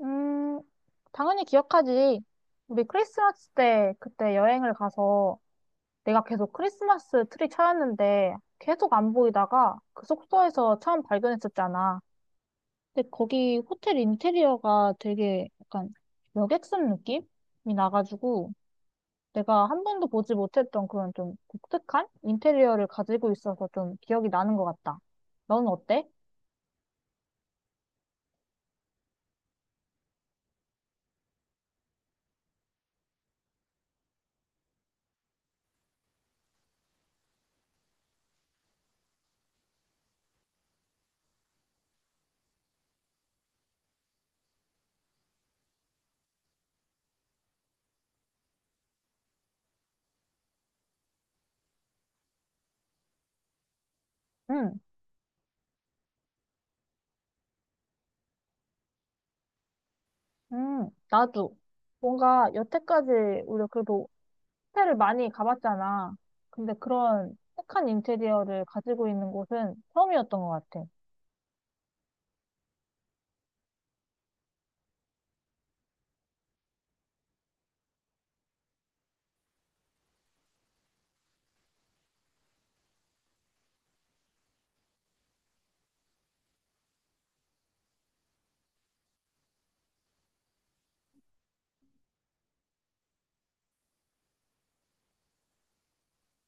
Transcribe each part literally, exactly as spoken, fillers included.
음, 당연히 기억하지. 우리 크리스마스 때 그때 여행을 가서 내가 계속 크리스마스 트리 찾았는데 계속 안 보이다가 그 숙소에서 처음 발견했었잖아. 근데 거기 호텔 인테리어가 되게 약간 여객선 느낌이 나가지고 내가 한 번도 보지 못했던 그런 좀 독특한 인테리어를 가지고 있어서 좀 기억이 나는 것 같다. 넌 어때? 응, 응, 나도. 뭔가 여태까지 우리 그래도 호텔을 많이 가봤잖아. 근데 그런 착한 인테리어를 가지고 있는 곳은 처음이었던 것 같아.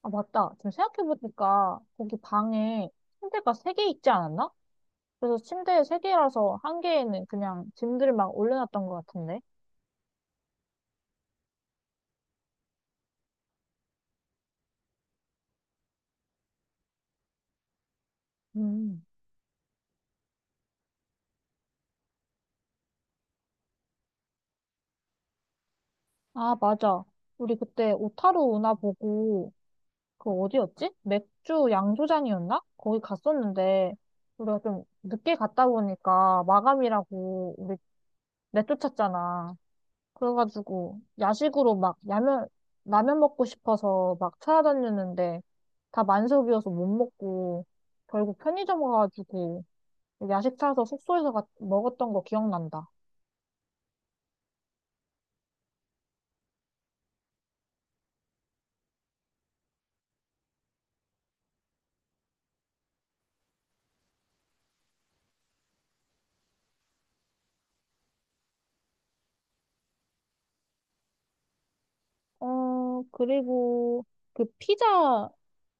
아, 맞다. 지금 생각해보니까 거기 방에 침대가 세 개 있지 않았나? 그래서 침대 세개라서한 개에는 그냥 짐들 막 올려놨던 것 같은데. 음. 아, 맞아. 우리 그때 오타루 운하 보고 그 어디였지? 맥주 양조장이었나? 거기 갔었는데 우리가 좀 늦게 갔다 보니까 마감이라고 우리 내쫓았잖아. 그래가지고 야식으로 막 라면 라면 먹고 싶어서 막 찾아다녔는데 다 만석이어서 못 먹고 결국 편의점 가가지고 야식 사서 숙소에서 가- 먹었던 거 기억난다. 어 그리고 그 피자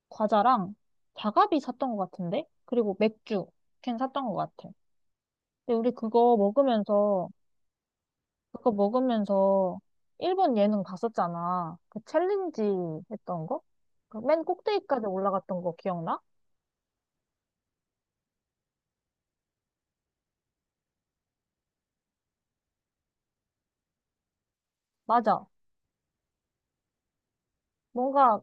과자랑 자가비 샀던 것 같은데 그리고 맥주 캔 샀던 것 같아. 근데 우리 그거 먹으면서 그거 먹으면서 일본 예능 봤었잖아. 그 챌린지 했던 거? 그 맨 꼭대기까지 올라갔던 거 기억나? 맞아. 뭔가,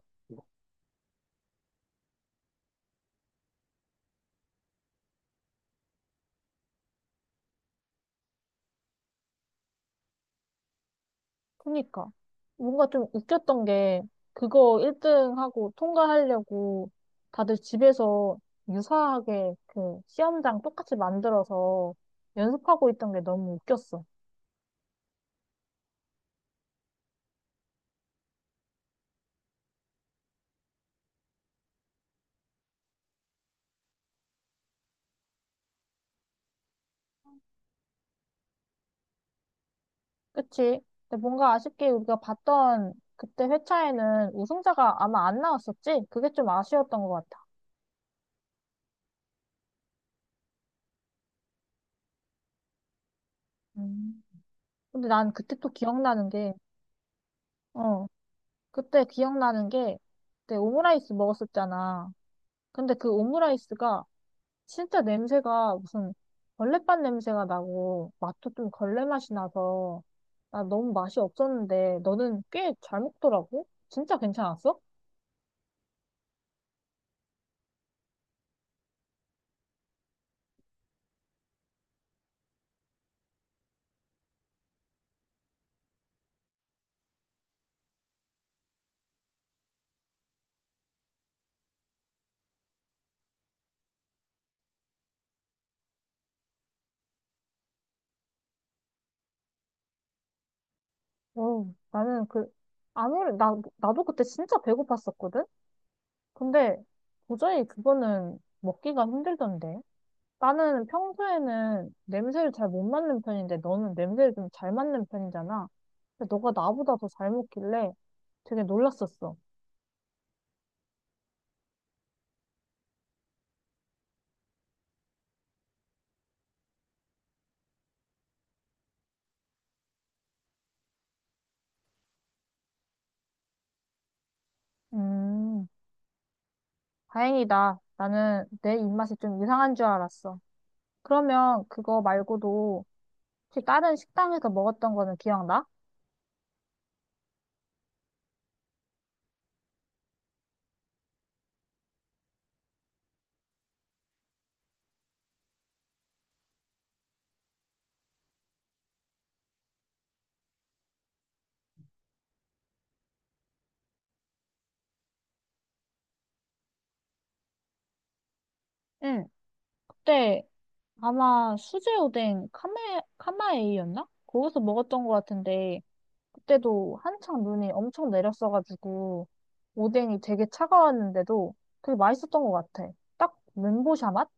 그니까. 뭔가 좀 웃겼던 게, 그거 일 등하고 통과하려고 다들 집에서 유사하게 그 시험장 똑같이 만들어서 연습하고 있던 게 너무 웃겼어. 그치? 근데 뭔가 아쉽게 우리가 봤던 그때 회차에는 우승자가 아마 안 나왔었지? 그게 좀 아쉬웠던 것 같아. 음. 근데 난 그때 또 기억나는 게, 어, 그때 기억나는 게, 그때 오므라이스 먹었었잖아. 근데 그 오므라이스가 진짜 냄새가 무슨 걸레밥 냄새가 나고, 맛도 좀 걸레 맛이 나서, 나 너무 맛이 없었는데, 너는 꽤 잘 먹더라고? 진짜 괜찮았어? 어, 나는 그, 아무리, 나, 나도 그때 진짜 배고팠었거든? 근데 도저히 그거는 먹기가 힘들던데. 나는 평소에는 냄새를 잘 못 맡는 편인데 너는 냄새를 좀 잘 맡는 편이잖아. 근데 너가 나보다 더 잘 먹길래 되게 놀랐었어. 음, 다행이다. 나는 내 입맛이 좀 이상한 줄 알았어. 그러면 그거 말고도 혹시 다른 식당에서 먹었던 거는 기억나? 응, 그때 아마 수제 오뎅 카메, 카마에이였나? 거기서 먹었던 것 같은데 그때도 한창 눈이 엄청 내렸어가지고 오뎅이 되게 차가웠는데도 그게 맛있었던 것 같아. 딱 멘보샤 맛?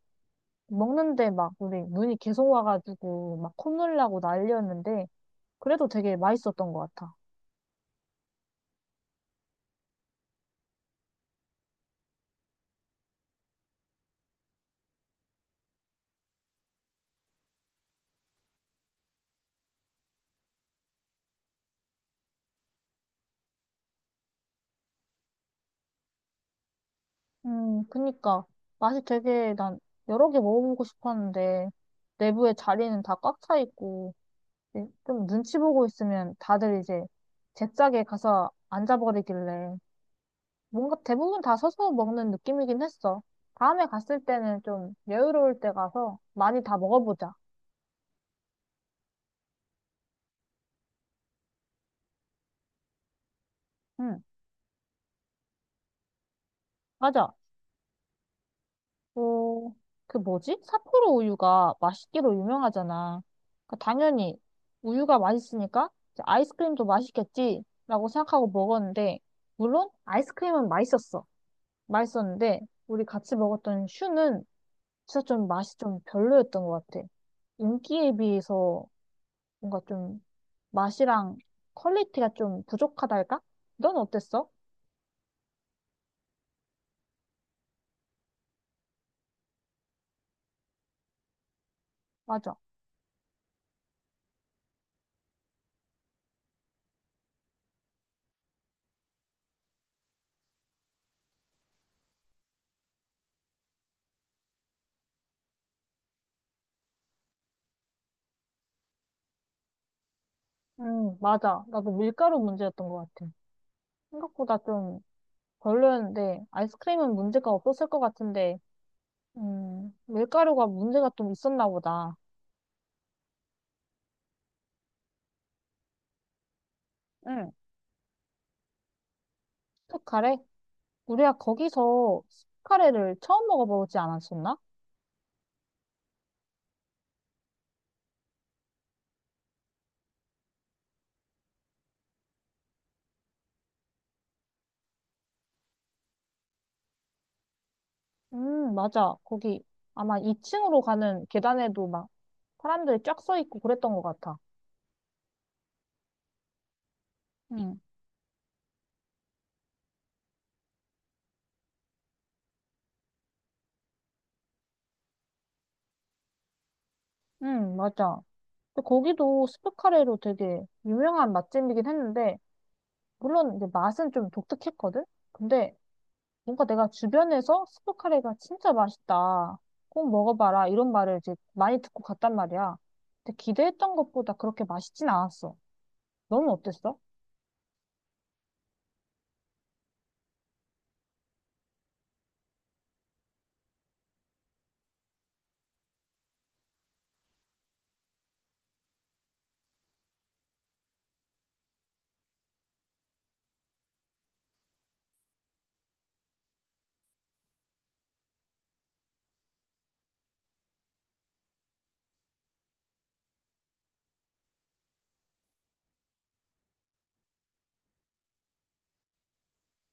먹는데 막 우리 눈이 계속 와가지고 막 콧물 나고 난리였는데 그래도 되게 맛있었던 것 같아. 음, 그니까 맛이 되게 난 여러 개 먹어보고 싶었는데 내부에 자리는 다 꽉 차 있고 이제 좀 눈치 보고 있으면 다들 이제 제 짝에 가서 앉아버리길래 뭔가 대부분 다 서서 먹는 느낌이긴 했어. 다음에 갔을 때는 좀 여유로울 때 가서 많이 다 먹어보자. 응, 맞아. 어, 그 뭐지? 삿포로 우유가 맛있기로 유명하잖아. 그 당연히 우유가 맛있으니까 이제 아이스크림도 맛있겠지? 라고 생각하고 먹었는데, 물론 아이스크림은 맛있었어. 맛있었는데, 우리 같이 먹었던 슈는 진짜 좀 맛이 좀 별로였던 것 같아. 인기에 비해서 뭔가 좀 맛이랑 퀄리티가 좀 부족하달까? 넌 어땠어? 맞아. 음, 맞아. 나도 밀가루 문제였던 것 같아. 생각보다 좀 별로였는데, 아이스크림은 문제가 없었을 것 같은데, 음, 밀가루가 문제가 좀 있었나 보다. 응. 스프카레? 우리가 거기서 스프카레를 처음 먹어보지 않았었나? 음, 맞아. 거기 아마 이 층으로 가는 계단에도 막 사람들이 쫙 서 있고 그랬던 것 같아. 응, 응, 맞아. 근데 거기도 스프카레로 되게 유명한 맛집이긴 했는데, 물론 이제 맛은 좀 독특했거든? 근데 뭔가 내가 주변에서 스프카레가 진짜 맛있다. 꼭 먹어봐라. 이런 말을 이제 많이 듣고 갔단 말이야. 근데 기대했던 것보다 그렇게 맛있진 않았어. 너는 어땠어?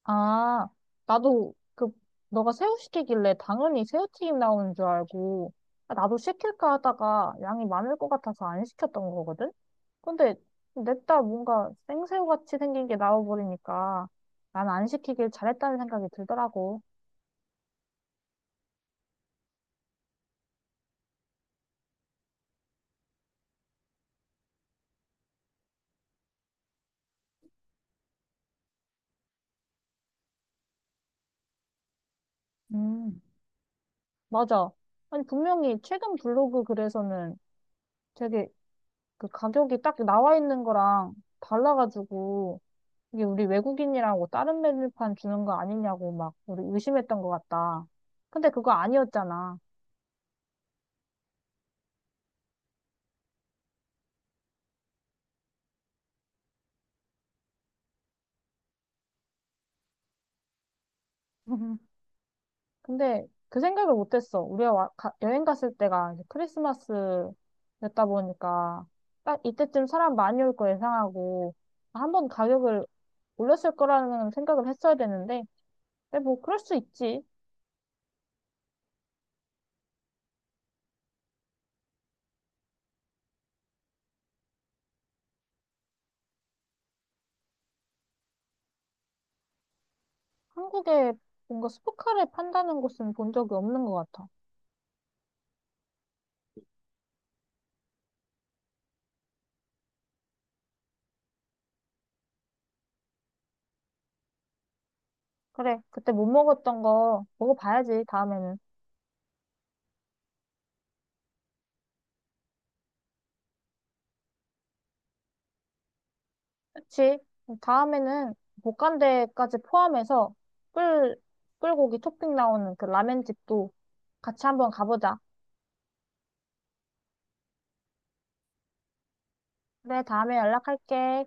아, 나도 그 너가 새우 시키길래 당연히 새우튀김 나오는 줄 알고 아, 나도 시킬까 하다가 양이 많을 것 같아서 안 시켰던 거거든? 근데 냅다 뭔가 생새우 같이 생긴 게 나와버리니까 난 안 시키길 잘했다는 생각이 들더라고. 음, 맞아. 아니, 분명히 최근 블로그 글에서는 되게 그 가격이 딱 나와 있는 거랑 달라가지고 이게 우리 외국인이라고 다른 메뉴판 주는 거 아니냐고 막 우리 의심했던 것 같다. 근데 그거 아니었잖아. 근데 그 생각을 못했어. 우리가 와- 가- 여행 갔을 때가 이제 크리스마스였다 보니까 딱 이때쯤 사람 많이 올 거 예상하고 한 번 가격을 올렸을 거라는 생각을 했어야 되는데 근데 뭐 그럴 수 있지. 한국에 뭔가 스포카를 판다는 곳은 본 적이 없는 것 같아. 그래, 그때 못 먹었던 거 먹어봐야지, 다음에는. 그치. 다음에는 볶간대까지 포함해서 꿀, 꿀고기 토핑 나오는 그 라멘 집도 같이 한번 가보자. 그래, 다음에 연락할게.